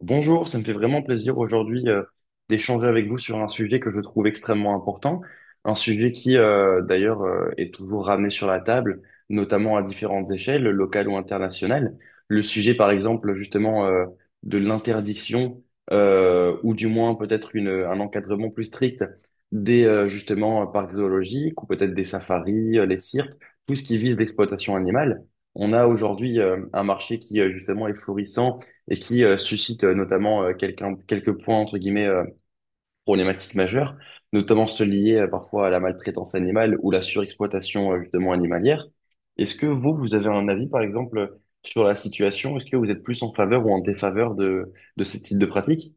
Bonjour, ça me fait vraiment plaisir aujourd'hui d'échanger avec vous sur un sujet que je trouve extrêmement important, un sujet qui d'ailleurs est toujours ramené sur la table, notamment à différentes échelles, locales ou internationales. Le sujet par exemple justement de l'interdiction ou du moins peut-être un encadrement plus strict des justement parcs zoologiques ou peut-être des safaris, les cirques, tout ce qui vise l'exploitation animale. On a aujourd'hui un marché qui justement est florissant et qui suscite notamment quelques points, entre guillemets, problématiques majeures, notamment ceux liés parfois à la maltraitance animale ou la surexploitation justement animalière. Est-ce que vous, vous avez un avis, par exemple, sur la situation? Est-ce que vous êtes plus en faveur ou en défaveur de ce type de pratique?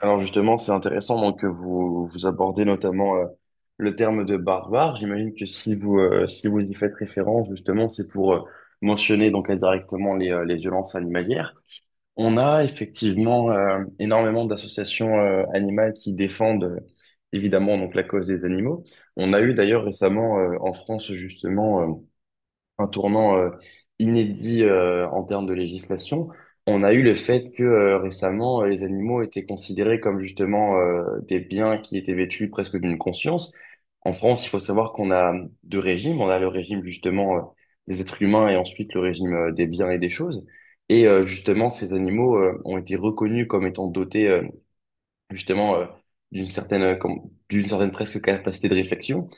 Alors justement, c'est intéressant donc, que vous, vous abordez notamment le terme de barbare. J'imagine que si vous, si vous y faites référence, justement, c'est pour... mentionner donc indirectement les violences animalières. On a effectivement énormément d'associations animales qui défendent évidemment donc la cause des animaux. On a eu d'ailleurs récemment en France justement un tournant inédit en termes de législation. On a eu le fait que récemment, les animaux étaient considérés comme justement des biens qui étaient vêtus presque d'une conscience. En France, il faut savoir qu'on a deux régimes. On a le régime justement des êtres humains et ensuite le régime des biens et des choses. Et justement, ces animaux ont été reconnus comme étant dotés justement d'une certaine d'une certaine presque capacité de réflexion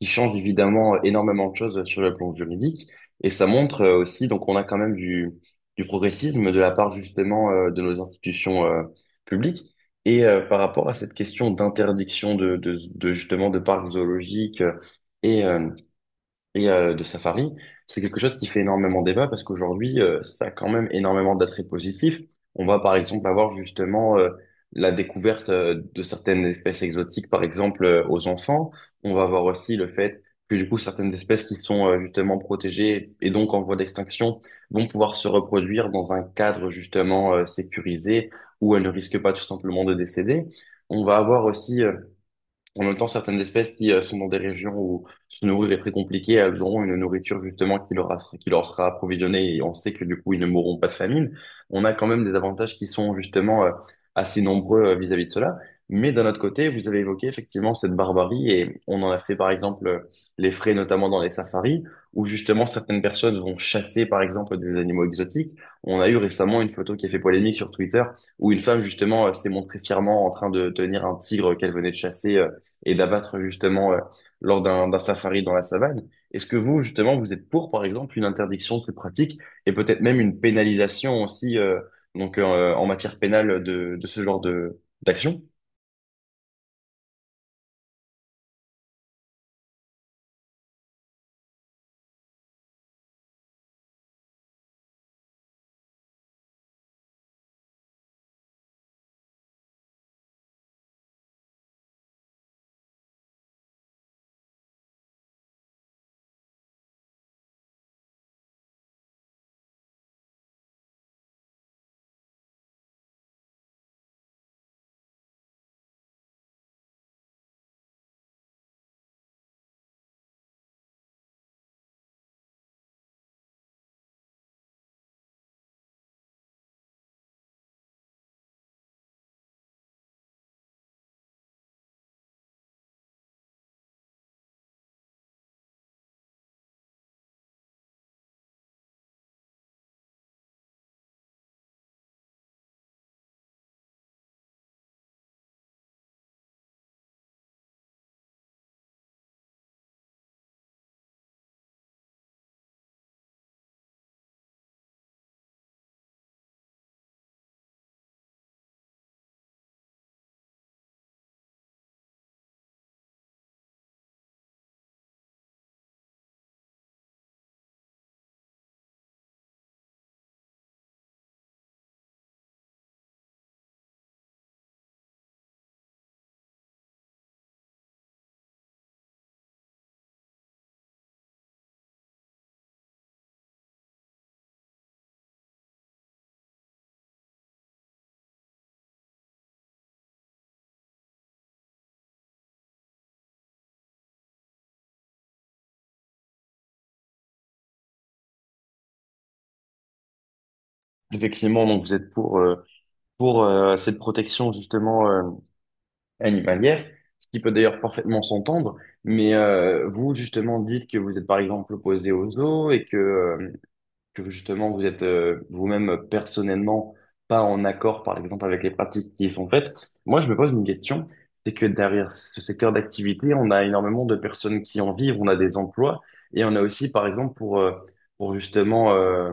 qui change évidemment énormément de choses sur le plan juridique et ça montre aussi donc on a quand même du progressisme de la part justement de nos institutions publiques et par rapport à cette question d'interdiction de justement de parcs zoologiques et euh, de Safari, c'est quelque chose qui fait énormément débat parce qu'aujourd'hui, ça a quand même énormément d'attraits positifs. On va par exemple avoir justement la découverte de certaines espèces exotiques, par exemple aux enfants. On va avoir aussi le fait que du coup, certaines espèces qui sont justement protégées et donc en voie d'extinction vont pouvoir se reproduire dans un cadre justement sécurisé où elles ne risquent pas tout simplement de décéder. On va avoir aussi en même temps, certaines espèces qui sont dans des régions où se nourrir est très compliqué, elles auront une nourriture justement qui qui leur sera approvisionnée et on sait que du coup, ils ne mourront pas de famine. On a quand même des avantages qui sont justement assez nombreux vis-à-vis de cela. Mais d'un autre côté, vous avez évoqué effectivement cette barbarie et on en a fait par exemple les frais notamment dans les safaris où justement certaines personnes vont chasser par exemple des animaux exotiques. On a eu récemment une photo qui a fait polémique sur Twitter où une femme justement s'est montrée fièrement en train de tenir un tigre qu'elle venait de chasser et d'abattre justement lors d'un safari dans la savane. Est-ce que vous, justement, vous êtes pour, par exemple, une interdiction de ces pratiques et peut-être même une pénalisation aussi donc en matière pénale de ce genre de d'action? Effectivement, donc vous êtes pour cette protection justement animalière, ce qui peut d'ailleurs parfaitement s'entendre. Mais vous, justement, dites que vous êtes par exemple opposé aux zoos et que justement vous êtes vous-même personnellement pas en accord, par exemple, avec les pratiques qui y sont faites, moi je me pose une question, c'est que derrière ce secteur d'activité, on a énormément de personnes qui en vivent, on a des emplois, et on a aussi, par exemple, pour justement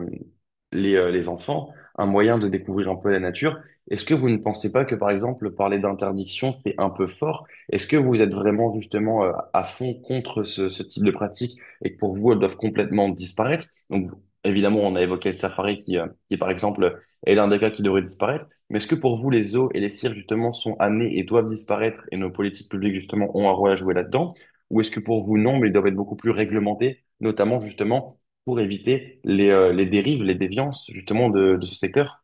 les enfants, un moyen de découvrir un peu la nature. Est-ce que vous ne pensez pas que, par exemple, parler d'interdiction, c'est un peu fort? Est-ce que vous êtes vraiment justement à fond contre ce type de pratique et que pour vous, elles doivent complètement disparaître? Donc, évidemment, on a évoqué le safari qui par exemple, est l'un des cas qui devrait disparaître. Mais est-ce que pour vous, les zoos et les cirques, justement, sont amenés et doivent disparaître et nos politiques publiques, justement, ont un rôle à jouer là-dedans? Ou est-ce que pour vous, non, mais ils doivent être beaucoup plus réglementés, notamment, justement, pour éviter les dérives, les déviances, justement, de ce secteur?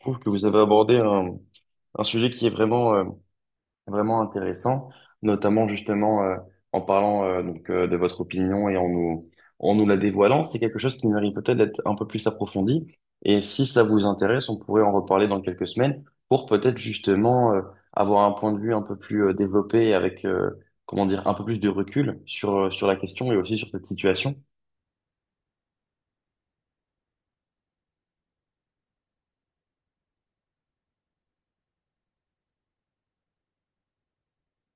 Je trouve que vous avez abordé un sujet qui est vraiment intéressant, notamment justement en parlant donc de votre opinion et en nous la dévoilant, c'est quelque chose qui mérite peut-être d'être un peu plus approfondi. Et si ça vous intéresse, on pourrait en reparler dans quelques semaines pour peut-être justement avoir un point de vue un peu plus développé avec comment dire un peu plus de recul sur sur la question et aussi sur cette situation.